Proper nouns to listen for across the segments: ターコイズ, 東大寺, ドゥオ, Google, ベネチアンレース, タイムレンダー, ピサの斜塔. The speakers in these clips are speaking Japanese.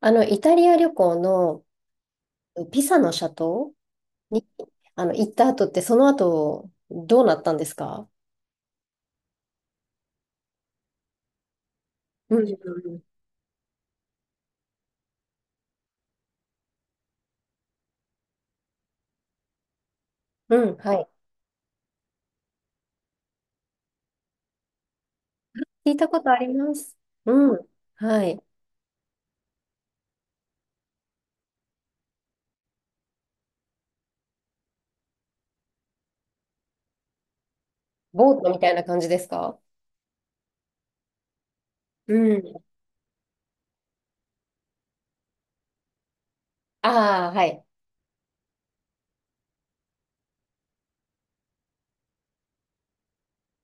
イタリア旅行のピサの斜塔に、行った後って、その後、どうなったんですか？うん、うん、うん、はい。聞いたことあります。うん、はい。ボートみたいな感じですか？うん。ああ、はい。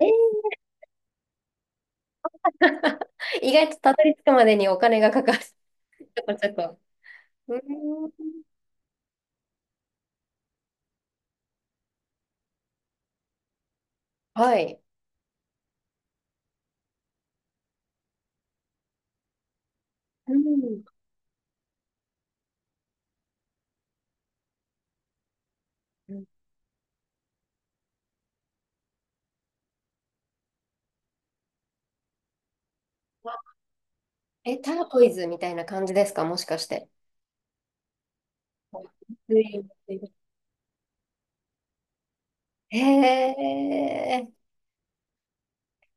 えー、 意外とたどり着くまでにお金がかかる。ちょっと、ちょっと。うーん、はい。うん。うん。え、ターコイズみたいな感じですか、もしかして。うん、へー。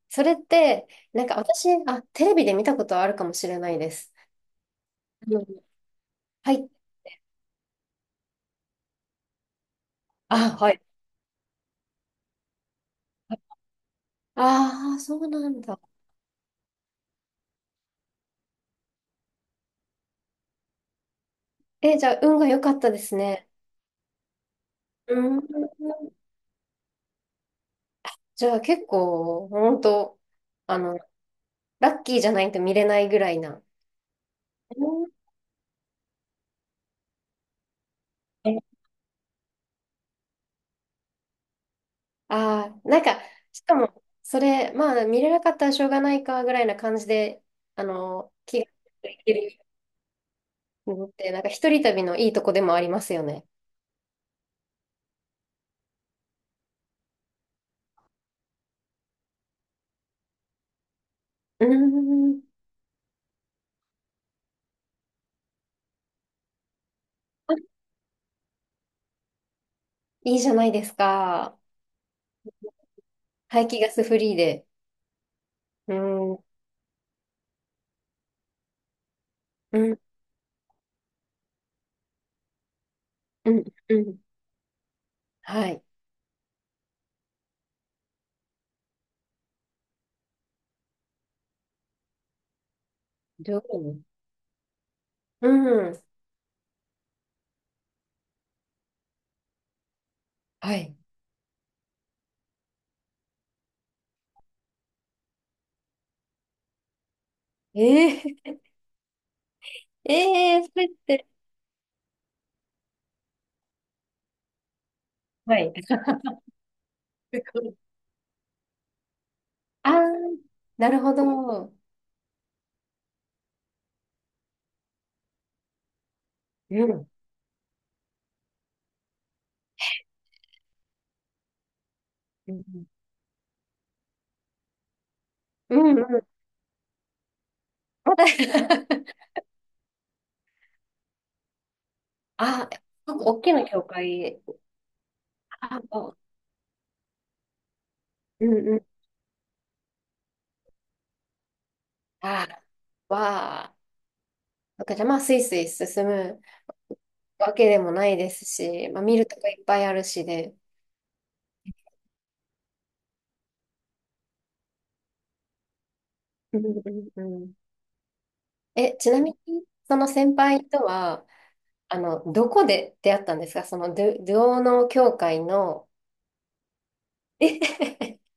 それって、なんか私、あ、テレビで見たことあるかもしれないです。うん、はい。あ、はい。ああ、そうなんだ。え、じゃあ、運が良かったですね。うん。じゃあ、結構、本当あの、ラッキーじゃないと見れないぐらいな。うん、ああー、なんか、しかも、それ、まあ、見れなかったらしょうがないか、ぐらいな感じで、気がいけるのって、なんか、一人旅のいいとこでもありますよね。うん、いいじゃないですか。排気ガスフリーで。うん、うん、うん、うん。はい。どううん。はい。えー、えー、それって。はい。ああ、なるほど。うん、うん、うん、うん。まだ。 あ、なんか大きな教会。あ、うん、うん。あー、わあ。なんかじゃあまあ、スイスイ進むわけでもないですし、まあ、見るとこいっぱいあるしで。うん、うん、うん、え、ちなみに、その先輩とは、どこで出会ったんですか？その、ドゥオの教会の。え、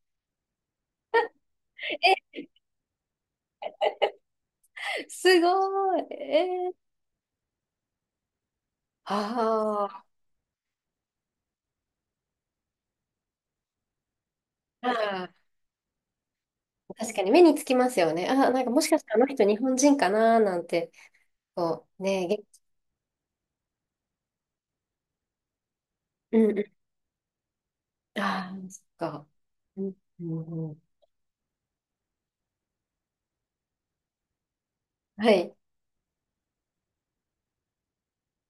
すごい。えー、あー、あー、確かに目につきますよね。あー、なんかもしかしてあの人日本人かななんて、こう、ね、うん、うん。ああ、そっか。うん、うん、うん、はい。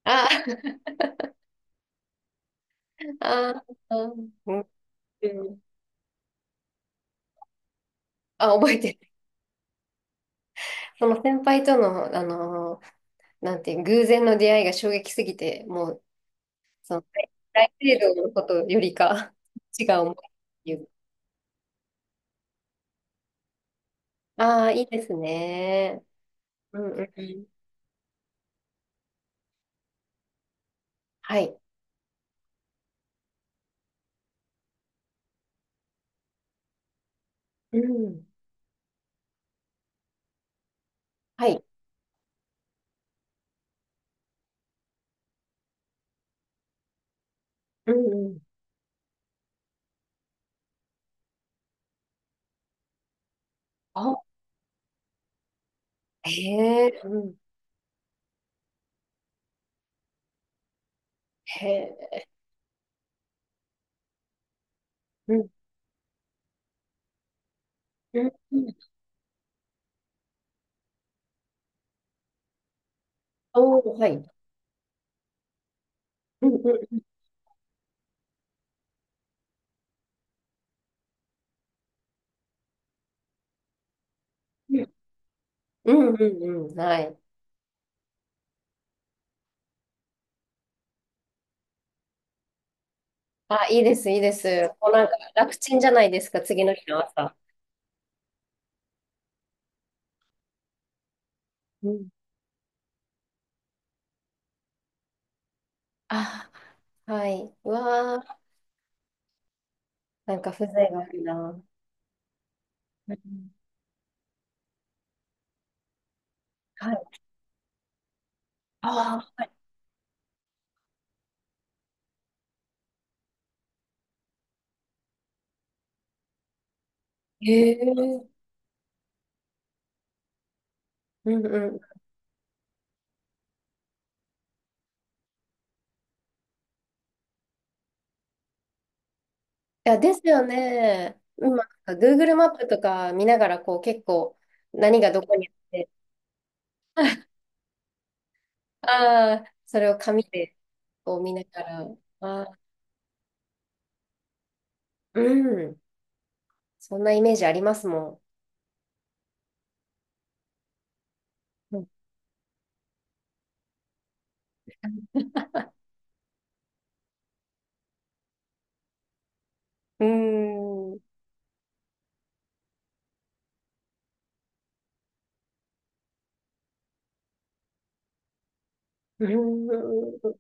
あー、 あー、うん、うん、あ、覚えてる。その先輩との、なんていう、偶然の出会いが衝撃すぎて、もう、その、大聖堂のことよりか、違う思いっていう。ああ、いいですね。うん、うん、うん。はい。うん。はい。うん、うん。あ、へえ、うん。へえ、うん。うん、うん。おー、はい。うん、うん、うん。うん、うん、うん。はい。あ、いいです、いいです。もうなんか楽ちんじゃないですか、次の日の朝。うん。あ、はい。うわー、なんか風情があるな。うん、はい。ああ、へえ。うん、うん。いや、ですよね。今、なんか Google マップとか見ながら、こう、結構、何がどこにあって、ああ、それを紙で、こう、見ながら、ああ、うん。そんなイメージありますもん。うん。うーん。うーん、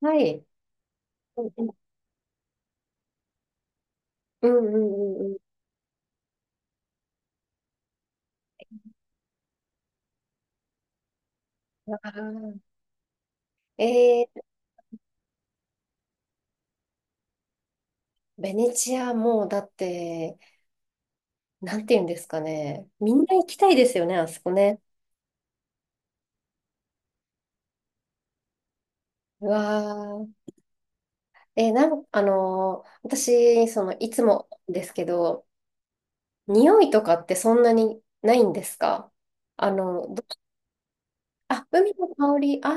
はい。うん、うん、うん、うん。ああ、えー、ベネチアもうだって、なんて言うんですかね。みんな行きたいですよね、あそこね。うわ、えー、私、その、いつもですけど、匂いとかってそんなにないんですか？あの、ど、あ、海の香り、ああ、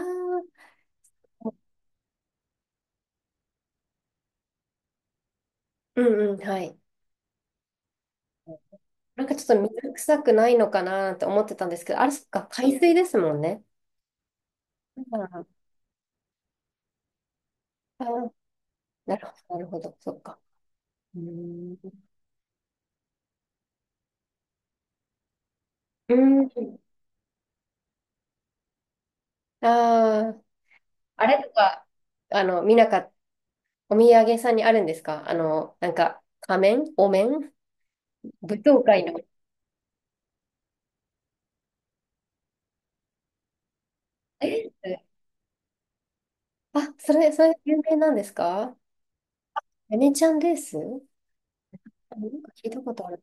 うん、うん、はい。なんかちょっと水臭くないのかなって思ってたんですけど、あれ、そっか、海水ですもんね。ああー、なるほど、なるほど、そっか。うーん。うん。ああ、あれとか、見なかった、お土産屋さんにあるんですか？なんか、仮面お面舞踏会の。え、あ、それ有名なんですか？ベネチアンレース、あ、なんか聞いたことある。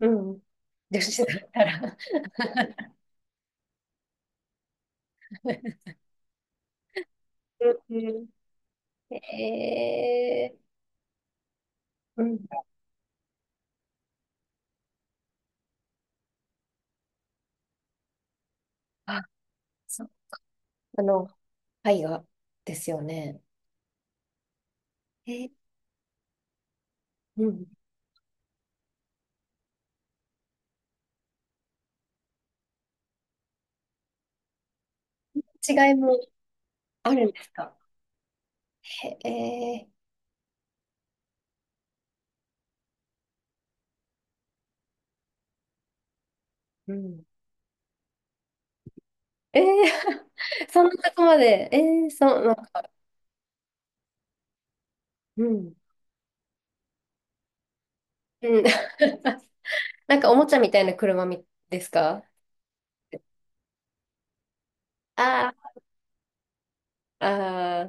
うん。女子だったら。うん。えー、うん。あ、そう。あの、絵画ですよね。えー、うん。違いもあるんですか？へえー、うん。えー、そんなとこまで。えー、そう、なんか、うん。うん。なんかおもちゃみたいな車みですか？ああ、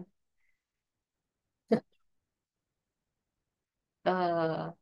ああ、ああ。